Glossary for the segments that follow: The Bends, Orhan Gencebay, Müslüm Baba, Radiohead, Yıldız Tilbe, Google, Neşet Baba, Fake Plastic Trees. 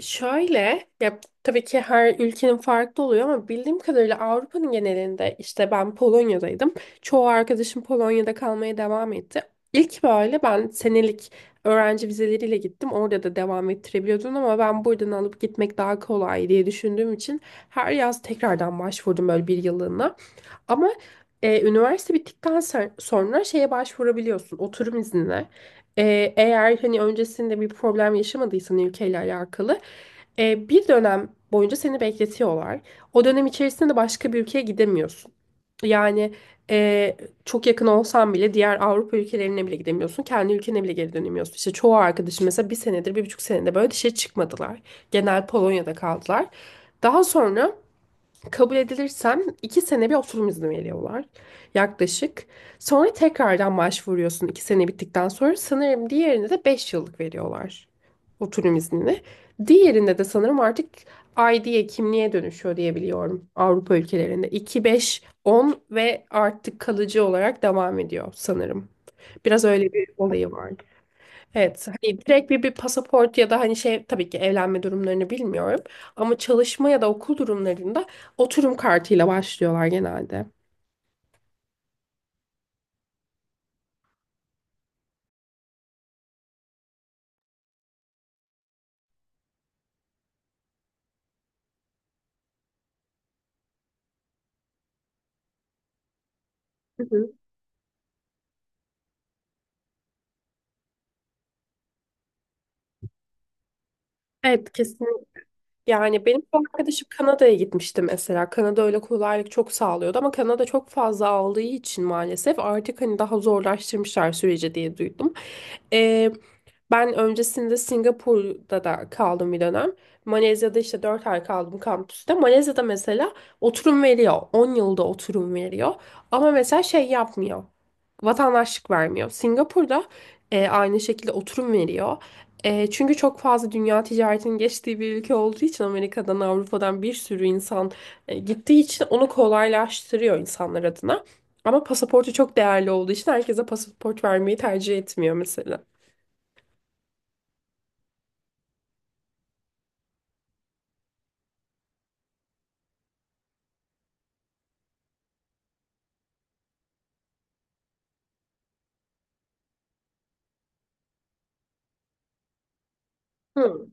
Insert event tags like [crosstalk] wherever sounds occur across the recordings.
Şöyle, ya tabii ki her ülkenin farklı oluyor ama bildiğim kadarıyla Avrupa'nın genelinde işte ben Polonya'daydım. Çoğu arkadaşım Polonya'da kalmaya devam etti. İlk böyle ben senelik öğrenci vizeleriyle gittim. Orada da devam ettirebiliyordun ama ben buradan alıp gitmek daha kolay diye düşündüğüm için her yaz tekrardan başvurdum böyle bir yıllığına. Ama üniversite bittikten sonra şeye başvurabiliyorsun oturum iznine. Eğer hani öncesinde bir problem yaşamadıysan ülkeyle alakalı bir dönem boyunca seni bekletiyorlar. O dönem içerisinde de başka bir ülkeye gidemiyorsun. Yani e, çok yakın olsan bile diğer Avrupa ülkelerine bile gidemiyorsun. Kendi ülkene bile geri dönemiyorsun. İşte çoğu arkadaşım mesela bir senedir, bir buçuk senedir böyle dışarı çıkmadılar. Genel Polonya'da kaldılar. Daha sonra kabul edilirsen 2 sene bir oturum izni veriyorlar yaklaşık. Sonra tekrardan başvuruyorsun 2 sene bittikten sonra. Sanırım diğerinde de 5 yıllık veriyorlar oturum iznini. Diğerinde de sanırım artık ID'ye, kimliğe dönüşüyor diye biliyorum Avrupa ülkelerinde. 2, 5, 10 ve artık kalıcı olarak devam ediyor sanırım. Biraz öyle bir olayı var. Evet, hani direkt bir pasaport ya da hani şey, tabii ki evlenme durumlarını bilmiyorum. Ama çalışma ya da okul durumlarında oturum kartıyla başlıyorlar genelde. Hı hı. Evet, kesin. Yani benim bir arkadaşım Kanada'ya gitmişti mesela. Kanada öyle kolaylık çok sağlıyordu ama Kanada çok fazla aldığı için maalesef artık hani daha zorlaştırmışlar süreci diye duydum. Ee, Ben öncesinde Singapur'da da kaldım bir dönem. Malezya'da işte 4 ay kaldım kampüste. Malezya'da mesela oturum veriyor. 10 yılda oturum veriyor. Ama mesela şey yapmıyor. Vatandaşlık vermiyor. Singapur'da aynı şekilde oturum veriyor. Çünkü çok fazla dünya ticaretinin geçtiği bir ülke olduğu için Amerika'dan, Avrupa'dan bir sürü insan gittiği için onu kolaylaştırıyor insanlar adına. Ama pasaportu çok değerli olduğu için herkese pasaport vermeyi tercih etmiyor mesela. Hı.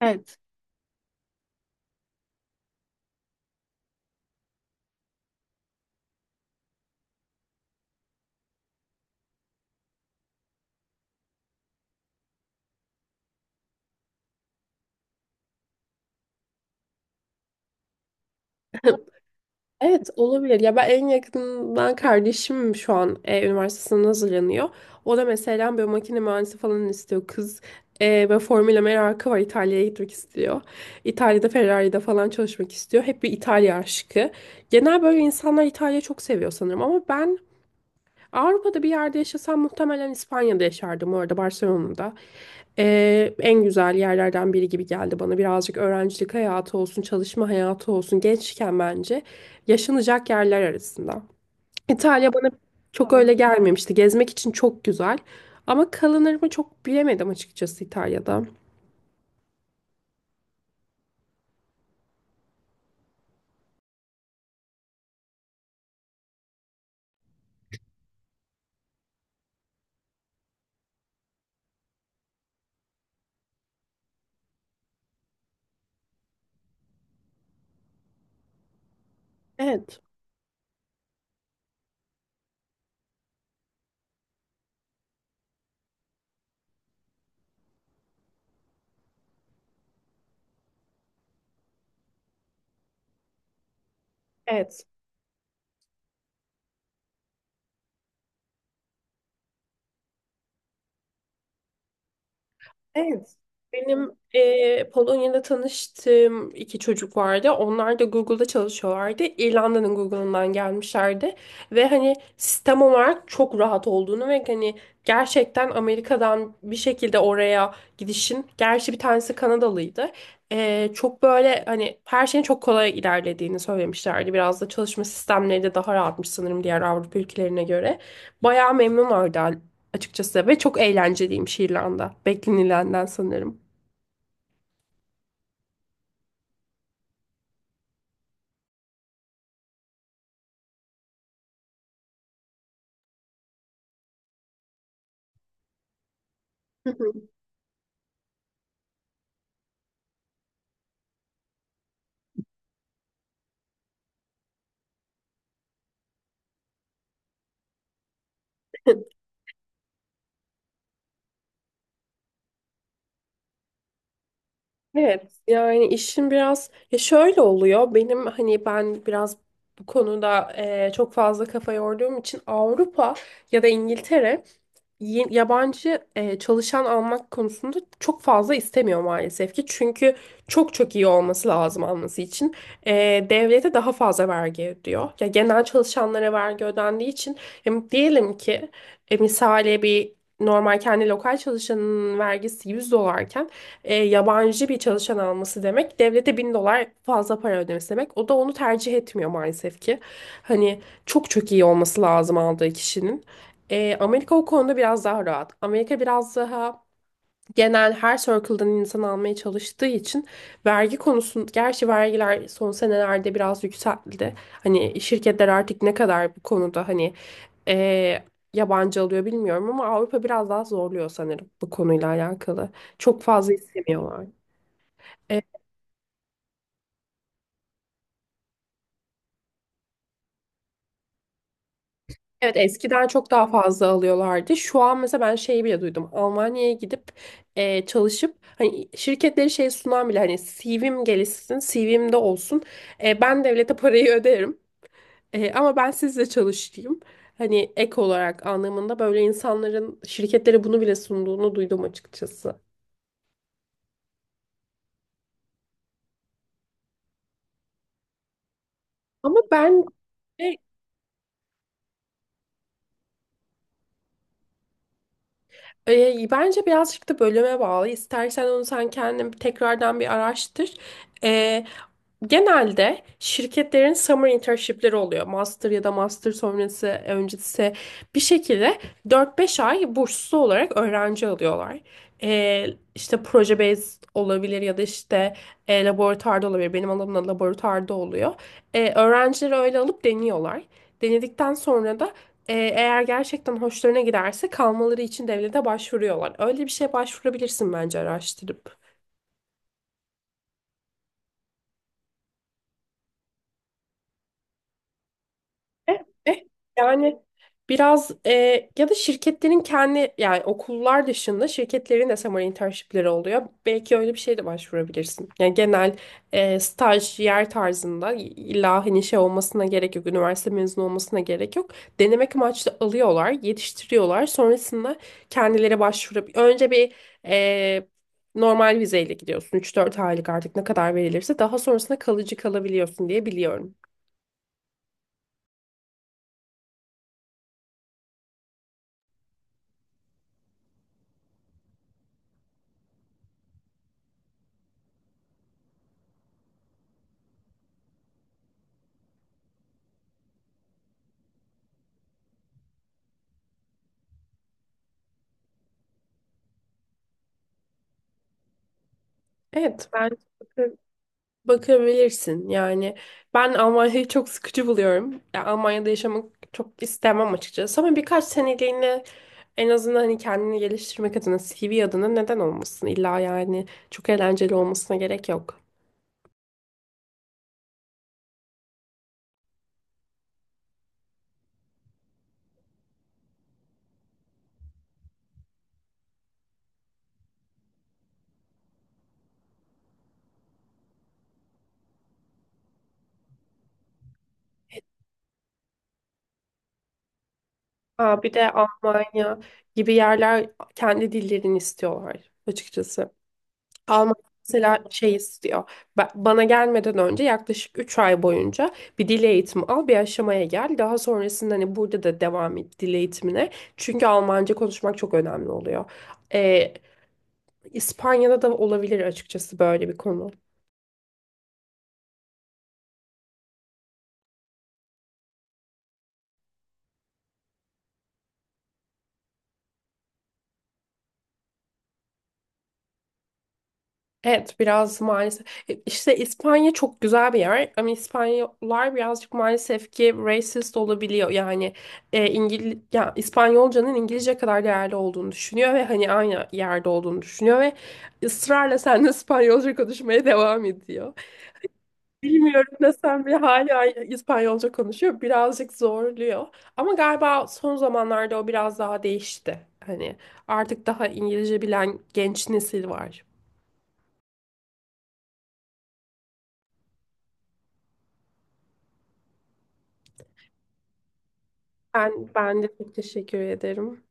Evet. [laughs] Evet, olabilir. Ya ben en yakından kardeşim şu an üniversitesine hazırlanıyor. O da mesela böyle makine mühendisi falan istiyor. Kız böyle Formula merakı var. İtalya'ya gitmek istiyor. İtalya'da Ferrari'de falan çalışmak istiyor. Hep bir İtalya aşkı. Genel böyle insanlar İtalya'yı çok seviyor sanırım. Ama ben Avrupa'da bir yerde yaşasam muhtemelen İspanya'da yaşardım, orada Barcelona'da. En güzel yerlerden biri gibi geldi bana. Birazcık öğrencilik hayatı olsun, çalışma hayatı olsun, gençken bence yaşanacak yerler arasında. İtalya bana çok öyle gelmemişti. Gezmek için çok güzel ama kalınır mı çok bilemedim açıkçası İtalya'da. Evet. Evet. Evet. Benim Polonya'da tanıştığım iki çocuk vardı. Onlar da Google'da çalışıyorlardı. İrlanda'nın Google'ından gelmişlerdi. Ve hani sistem olarak çok rahat olduğunu ve hani gerçekten Amerika'dan bir şekilde oraya gidişin. Gerçi bir tanesi Kanadalıydı. Çok böyle hani her şeyin çok kolay ilerlediğini söylemişlerdi. Biraz da çalışma sistemleri de daha rahatmış sanırım diğer Avrupa ülkelerine göre. Bayağı memnunlardı açıkçası ve çok eğlenceliymiş İrlanda. Beklenilenden sanırım. [laughs] Evet, yani işin biraz ya şöyle oluyor, benim hani ben biraz bu konuda çok fazla kafa yorduğum için Avrupa ya da İngiltere yabancı çalışan almak konusunda çok fazla istemiyor maalesef ki. Çünkü çok çok iyi olması lazım alması için. E, Devlete daha fazla vergi ödüyor. Ya genel çalışanlara vergi ödendiği için diyelim ki misale bir normal kendi lokal çalışanın vergisi 100 dolarken yabancı bir çalışan alması demek devlete 1.000 dolar fazla para ödemesi demek. O da onu tercih etmiyor maalesef ki. Hani çok çok iyi olması lazım aldığı kişinin. Amerika o konuda biraz daha rahat. Amerika biraz daha genel her circle'dan insan almaya çalıştığı için vergi konusun, gerçi vergiler son senelerde biraz yükseldi. Hani şirketler artık ne kadar bu konuda hani eee, yabancı alıyor bilmiyorum ama Avrupa biraz daha zorluyor sanırım bu konuyla alakalı. Çok fazla istemiyorlar. E, Evet, eskiden çok daha fazla alıyorlardı. Şu an mesela ben şeyi bile duydum. Almanya'ya gidip çalışıp hani şirketleri şey sunan bile, hani CV'm gelişsin, CV'm de olsun. Ben devlete parayı [laughs] öderim. Ama ben sizle çalışayım. Hani ek olarak anlamında böyle insanların şirketlere bunu bile sunduğunu duydum açıkçası. Ama ben bence birazcık da bölüme bağlı. İstersen onu sen kendin tekrardan bir araştır. E, Genelde şirketlerin summer internship'leri oluyor. Master ya da master sonrası, öncesi bir şekilde 4-5 ay burslu olarak öğrenci alıyorlar. E, işte proje based olabilir ya da işte laboratuvarda olabilir. Benim alanımda laboratuvarda oluyor. Öğrencileri öyle alıp deniyorlar. Denedikten sonra da eğer gerçekten hoşlarına giderse kalmaları için devlete başvuruyorlar. Öyle bir şeye başvurabilirsin bence araştırıp. Eh, eh, Yani biraz ya da şirketlerin kendi, yani okullar dışında şirketlerin de summer internshipleri oluyor. Belki öyle bir şey de başvurabilirsin. Yani genel staj yer tarzında, illa hani şey olmasına gerek yok. Üniversite mezunu olmasına gerek yok. Denemek amaçlı alıyorlar, yetiştiriyorlar. Sonrasında kendileri başvurabilir. Önce bir eh, normal vizeyle gidiyorsun. Üç dört aylık, artık ne kadar verilirse, daha sonrasında kalıcı kalabiliyorsun diye biliyorum. Evet, bakabilirsin yani, ben Almanya'yı çok sıkıcı buluyorum. Ya Almanya'da yaşamak çok istemem açıkçası ama birkaç seneliğine en azından hani kendini geliştirmek adına, CV adına neden olmasın? İlla yani çok eğlenceli olmasına gerek yok. Aa, bir de Almanya gibi yerler kendi dillerini istiyorlar açıkçası. Alman mesela şey istiyor. Bana gelmeden önce yaklaşık 3 ay boyunca bir dil eğitimi al, bir aşamaya gel. Daha sonrasında hani burada da devam et dil eğitimine. Çünkü Almanca konuşmak çok önemli oluyor. Ee, İspanya'da da olabilir açıkçası böyle bir konu. Evet, biraz maalesef. İşte İspanya çok güzel bir yer ama İspanyollar birazcık maalesef ki racist olabiliyor. Yani ya, İspanyolcanın İngilizce kadar değerli olduğunu düşünüyor ve hani aynı yerde olduğunu düşünüyor ve ısrarla seninle [laughs] İspanyolca konuşmaya devam ediyor. Bilmiyorum da sen, bir hala İspanyolca konuşuyor. Birazcık zorluyor. Ama galiba son zamanlarda o biraz daha değişti. Hani artık daha İngilizce bilen genç nesil var. Ben de çok teşekkür ederim.